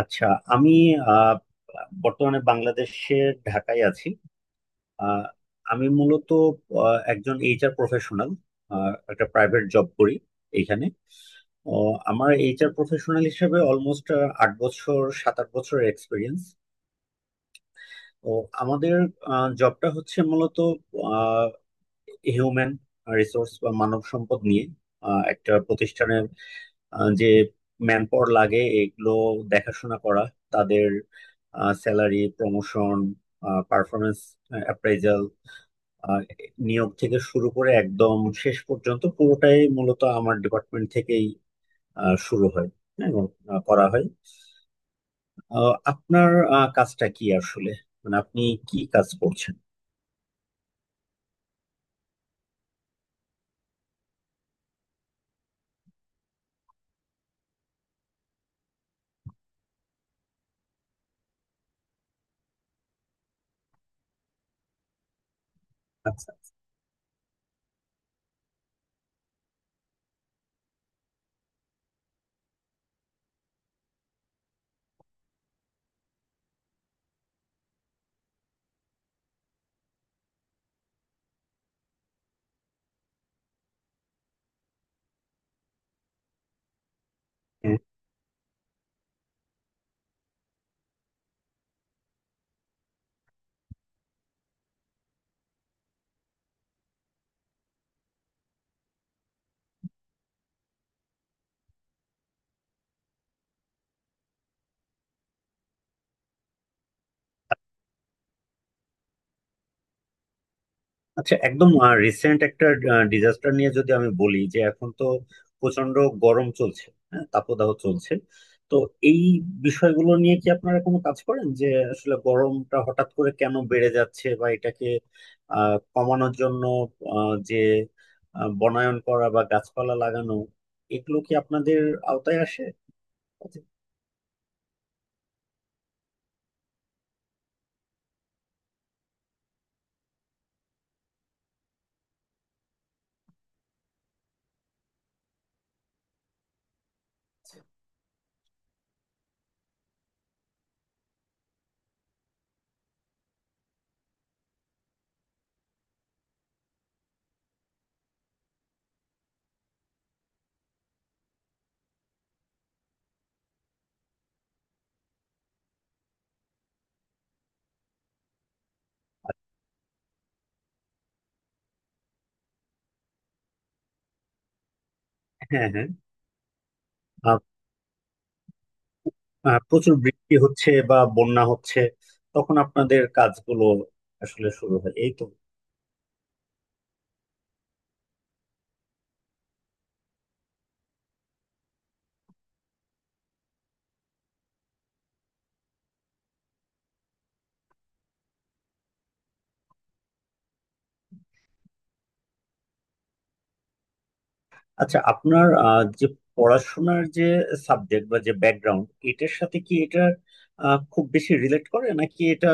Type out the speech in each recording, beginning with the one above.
আচ্ছা। আমি আহ, বর্তমানে বাংলাদেশের ঢাকায় আছি। আহ, আমি মূলত একজন এইচআর প্রফেশনাল। একটা প্রাইভেট জব করি এখানে। আমার এইচআর প্রফেশনাল হিসেবে অলমোস্ট 8 বছর, 7-8 বছরের এক্সপিরিয়েন্স। তো আমাদের জবটা হচ্ছে মূলত হিউম্যান রিসোর্স বা মানব সম্পদ নিয়ে। একটা প্রতিষ্ঠানে যে ম্যান পাওয়ার লাগে, এগুলো দেখাশোনা করা, তাদের স্যালারি, প্রমোশন, পারফরমেন্স অ্যাপ্রাইজাল, নিয়োগ থেকে শুরু করে একদম শেষ পর্যন্ত পুরোটাই মূলত আমার ডিপার্টমেন্ট থেকেই শুরু হয়। হ্যাঁ, এবং করা হয়। আপনার কাজটা কি আসলে, মানে আপনি কি কাজ করছেন? আচ্ছা। আচ্ছা, একদম রিসেন্ট একটা ডিজাস্টার নিয়ে যদি আমি বলি, যে এখন তো প্রচন্ড গরম চলছে। হ্যাঁ, তাপদাহ চলছে। তো এই বিষয়গুলো নিয়ে কি আপনারা কোনো কাজ করেন, যে আসলে গরমটা হঠাৎ করে কেন বেড়ে যাচ্ছে বা এটাকে কমানোর জন্য যে বনায়ন করা বা গাছপালা লাগানো, এগুলো কি আপনাদের আওতায় আসে? হ্যাঁ, হ্যাঁ। আহ, প্রচুর বৃষ্টি হচ্ছে বা বন্যা হচ্ছে, তখন আপনাদের কাজগুলো আসলে শুরু হয় এই তো। আচ্ছা, আপনার যে পড়াশোনার যে সাবজেক্ট বা যে ব্যাকগ্রাউন্ড, এটার সাথে কি এটা খুব বেশি রিলেট করে, নাকি এটা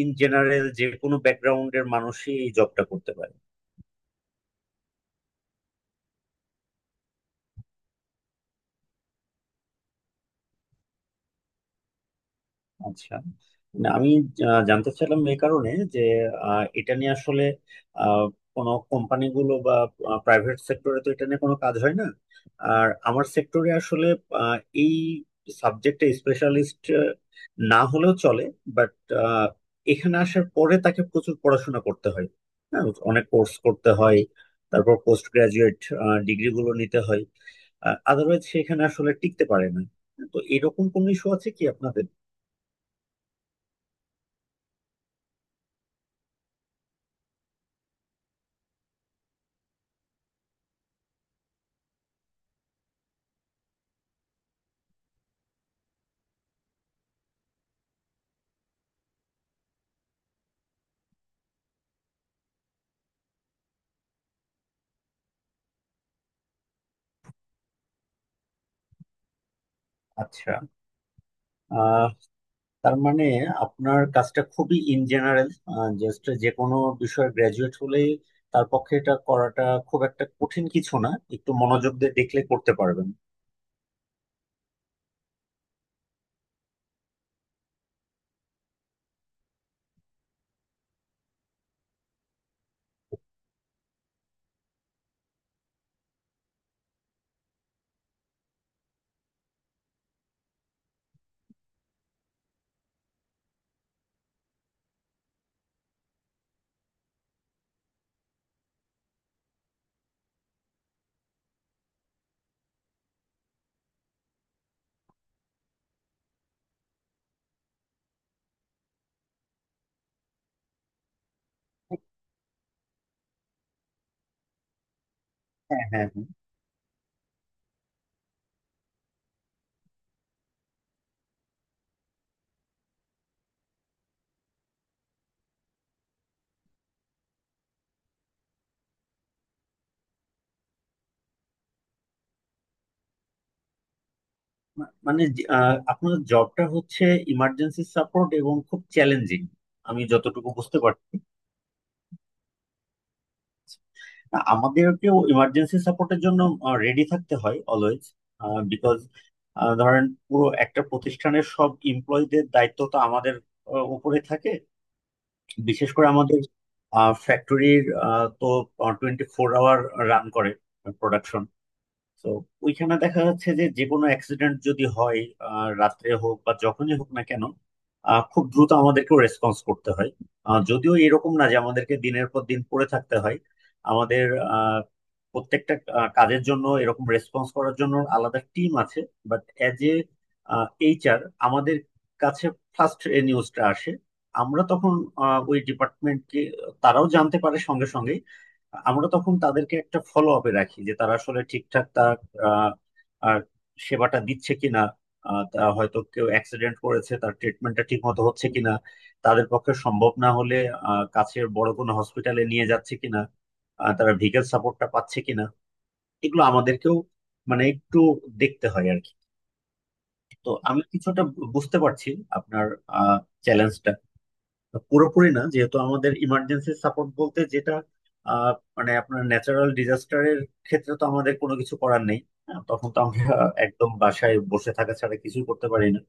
ইন জেনারেল যে কোনো ব্যাকগ্রাউন্ডের মানুষই এই জবটা করতে পারে? আচ্ছা। না, আমি জানতে চাইলাম এই কারণে যে এটা নিয়ে আসলে আহ, কোনো কোম্পানিগুলো বা প্রাইভেট সেক্টরে তো এটা নিয়ে কোনো কাজ হয় না। আর আমার সেক্টরে আসলে আহ, এই সাবজেক্টে স্পেশালিস্ট না হলেও চলে, বাট এখানে আসার পরে তাকে প্রচুর পড়াশোনা করতে হয়। হ্যাঁ, অনেক কোর্স করতে হয়, তারপর পোস্ট গ্রাজুয়েট ডিগ্রিগুলো নিতে হয়, আদারওয়াইজ সেখানে আসলে টিকতে পারে না। তো এরকম কোন ইস্যু আছে কি আপনাদের? আচ্ছা। আহ তার মানে আপনার কাজটা খুবই ইন জেনারেল। জাস্ট যে কোনো বিষয়ে গ্রাজুয়েট হলেই তার পক্ষে এটা করাটা খুব একটা কঠিন কিছু না, একটু মনোযোগ দিয়ে দেখলে করতে পারবেন। হ্যাঁ, হ্যাঁ, হ্যাঁ। মানে আপনার জবটা হচ্ছে ইমার্জেন্সি সাপোর্ট এবং খুব চ্যালেঞ্জিং, আমি যতটুকু বুঝতে পারছি। না, আমাদেরকেও ইমার্জেন্সি সাপোর্টের জন্য রেডি থাকতে হয় অলওয়েজ। বিকজ ধরেন পুরো একটা প্রতিষ্ঠানের সব এমপ্লয়ীদের দায়িত্ব তো আমাদের উপরে থাকে। বিশেষ করে আমাদের ফ্যাক্টরির, তো 24 আওয়ার রান করে প্রোডাকশন, তো ওইখানে দেখা যাচ্ছে যে যে কোনো অ্যাক্সিডেন্ট যদি হয়, রাত্রে হোক বা যখনই হোক না কেন, খুব দ্রুত আমাদেরকে রেসপন্স করতে হয়। যদিও এরকম না যে আমাদেরকে দিনের পর দিন পড়ে থাকতে হয়। আমাদের আহ, প্রত্যেকটা কাজের জন্য এরকম রেসপন্স করার জন্য আলাদা টিম আছে। বাট অ্যাজ এ এইচআর আমাদের কাছে ফার্স্ট এ নিউজটা আসে। আমরা তখন ওই ডিপার্টমেন্টকে, তারাও জানতে পারে সঙ্গে সঙ্গে। আমরা তখন তাদেরকে একটা ফলো আপে রাখি যে তারা আসলে ঠিকঠাক তার আহ, আর সেবাটা দিচ্ছে কিনা, তা হয়তো কেউ অ্যাক্সিডেন্ট করেছে তার ট্রিটমেন্টটা ঠিক মতো হচ্ছে কিনা, তাদের পক্ষে সম্ভব না হলে কাছের বড় কোনো হসপিটালে নিয়ে যাচ্ছে কিনা, তারা ভিগাল সাপোর্টটা পাচ্ছে কিনা, এগুলো আমাদেরকেও মানে একটু দেখতে হয় আর কি। তো আমি কিছুটা বুঝতে পারছি আপনার চ্যালেঞ্জটা, পুরোপুরি না যেহেতু আমাদের ইমার্জেন্সি সাপোর্ট বলতে যেটা আহ, মানে, আপনার ন্যাচারাল ডিজাস্টারের ক্ষেত্রে তো আমাদের কোনো কিছু করার নেই। হ্যাঁ, তখন তো আমরা একদম বাসায় বসে থাকা ছাড়া কিছুই করতে পারি না।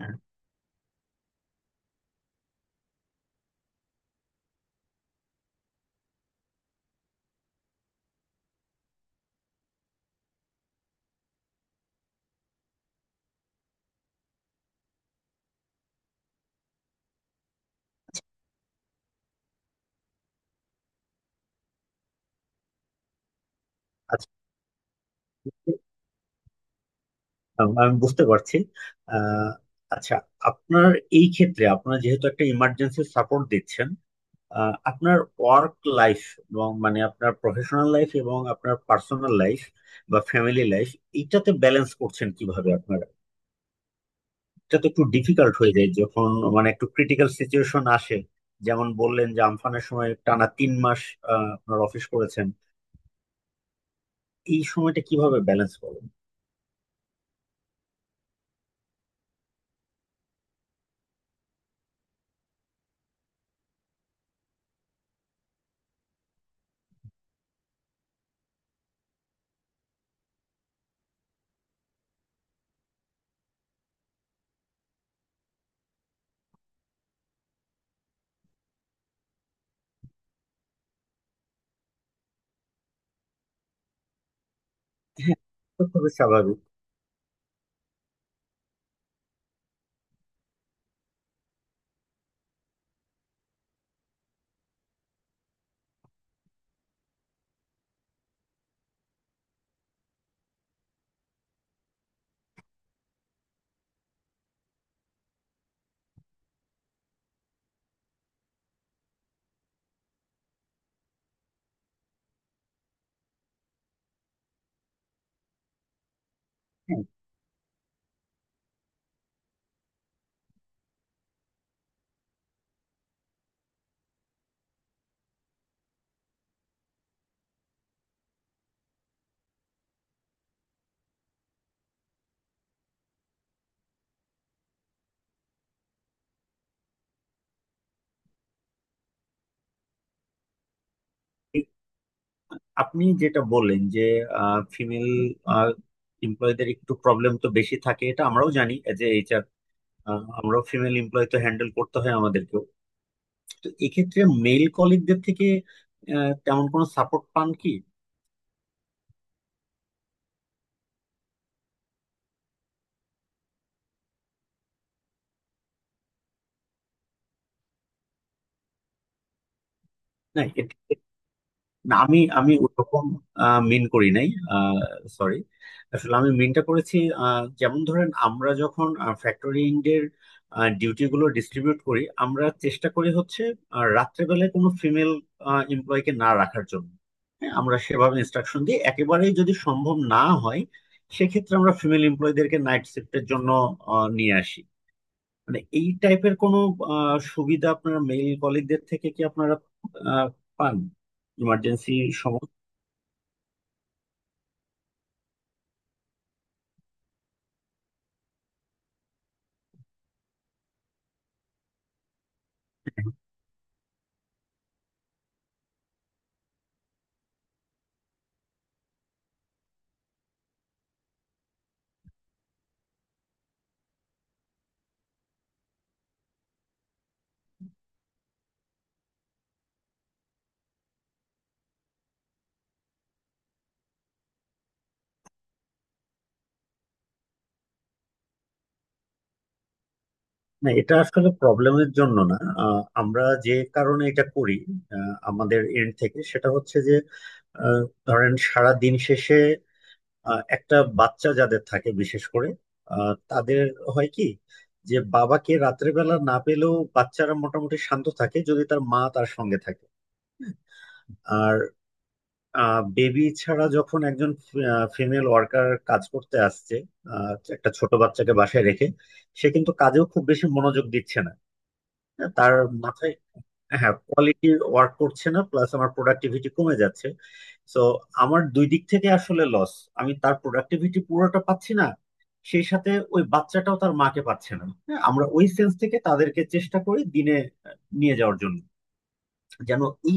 হ্যাঁ। আচ্ছা। আমি বুঝতে পারছি। আহ, আচ্ছা, আপনার এই ক্ষেত্রে, আপনারা যেহেতু একটা ইমার্জেন্সি সাপোর্ট দিচ্ছেন, আপনার ওয়ার্ক লাইফ এবং মানে আপনার প্রফেশনাল লাইফ এবং আপনার পার্সোনাল লাইফ বা ফ্যামিলি লাইফ, এইটাতে ব্যালেন্স করছেন কিভাবে আপনারা? এটা তো একটু ডিফিকাল্ট হয়ে যায় যখন মানে একটু ক্রিটিক্যাল সিচুয়েশন আসে। যেমন বললেন যে আমফানের সময় টানা 3 মাস আপনার অফিস করেছেন। এই সময়টা কিভাবে ব্যালেন্স করেন? হ্যাঁ। তো খুবই স্বাভাবিক। হ্যাঁ, এই আপনি যেটা বললেন যে ফিমেল এমপ্লয়ীদের একটু প্রবলেম তো বেশি থাকে, এটা আমরাও জানি এজ এ এইচআর। আমরাও ফিমেল এমপ্লয়ী তো হ্যান্ডেল করতে হয় আমাদেরকেও। তো এক্ষেত্রে মেল কলিগদের থেকে তেমন কোনো সাপোর্ট পান কি? না, না, আমি আমি ওরকম মিন করি নাই। সরি, আসলে আমি মিনটা করেছি, যেমন ধরেন আমরা যখন ফ্যাক্টরিং এর ডিউটি গুলো ডিস্ট্রিবিউট করি, আমরা চেষ্টা করি হচ্ছে রাত্রেবেলায় কোনো ফিমেল এমপ্লয়কে না রাখার জন্য। হ্যাঁ, আমরা সেভাবে ইনস্ট্রাকশন দিই। একেবারেই যদি সম্ভব না হয়, সেক্ষেত্রে আমরা ফিমেল এমপ্লয়ীদেরকে নাইট শিফটের জন্য নিয়ে আসি। মানে এই টাইপের কোনো সুবিধা আপনার মেল কলিগদের থেকে কি আপনারা আহ, পান ইমার্জেন্সি সময়? না, এটা আসলে প্রবলেমের জন্য না। আমরা যে কারণে এটা করি আমাদের এন্ড থেকে, সেটা হচ্ছে যে আহ, ধরেন সারা দিন শেষে একটা বাচ্চা যাদের থাকে, বিশেষ করে তাদের হয় কি, যে বাবাকে রাত্রেবেলা না পেলেও বাচ্চারা মোটামুটি শান্ত থাকে যদি তার মা তার সঙ্গে থাকে। আর বেবি ছাড়া যখন একজন ফিমেল ওয়ার্কার কাজ করতে আসছে আহ, একটা ছোট বাচ্চাকে বাসায় রেখে, সে কিন্তু কাজেও খুব বেশি মনোযোগ দিচ্ছে না। হ্যাঁ, তার মাথায়, হ্যাঁ, কোয়ালিটির ওয়ার্ক করছে না, প্লাস আমার প্রোডাক্টিভিটি কমে যাচ্ছে। সো আমার দুই দিক থেকে আসলে লস। আমি তার প্রোডাক্টিভিটি পুরোটা পাচ্ছি না, সেই সাথে ওই বাচ্চাটাও তার মাকে পাচ্ছে না। হ্যাঁ, আমরা ওই সেন্স থেকে তাদেরকে চেষ্টা করি দিনে নিয়ে যাওয়ার জন্য, যেন এই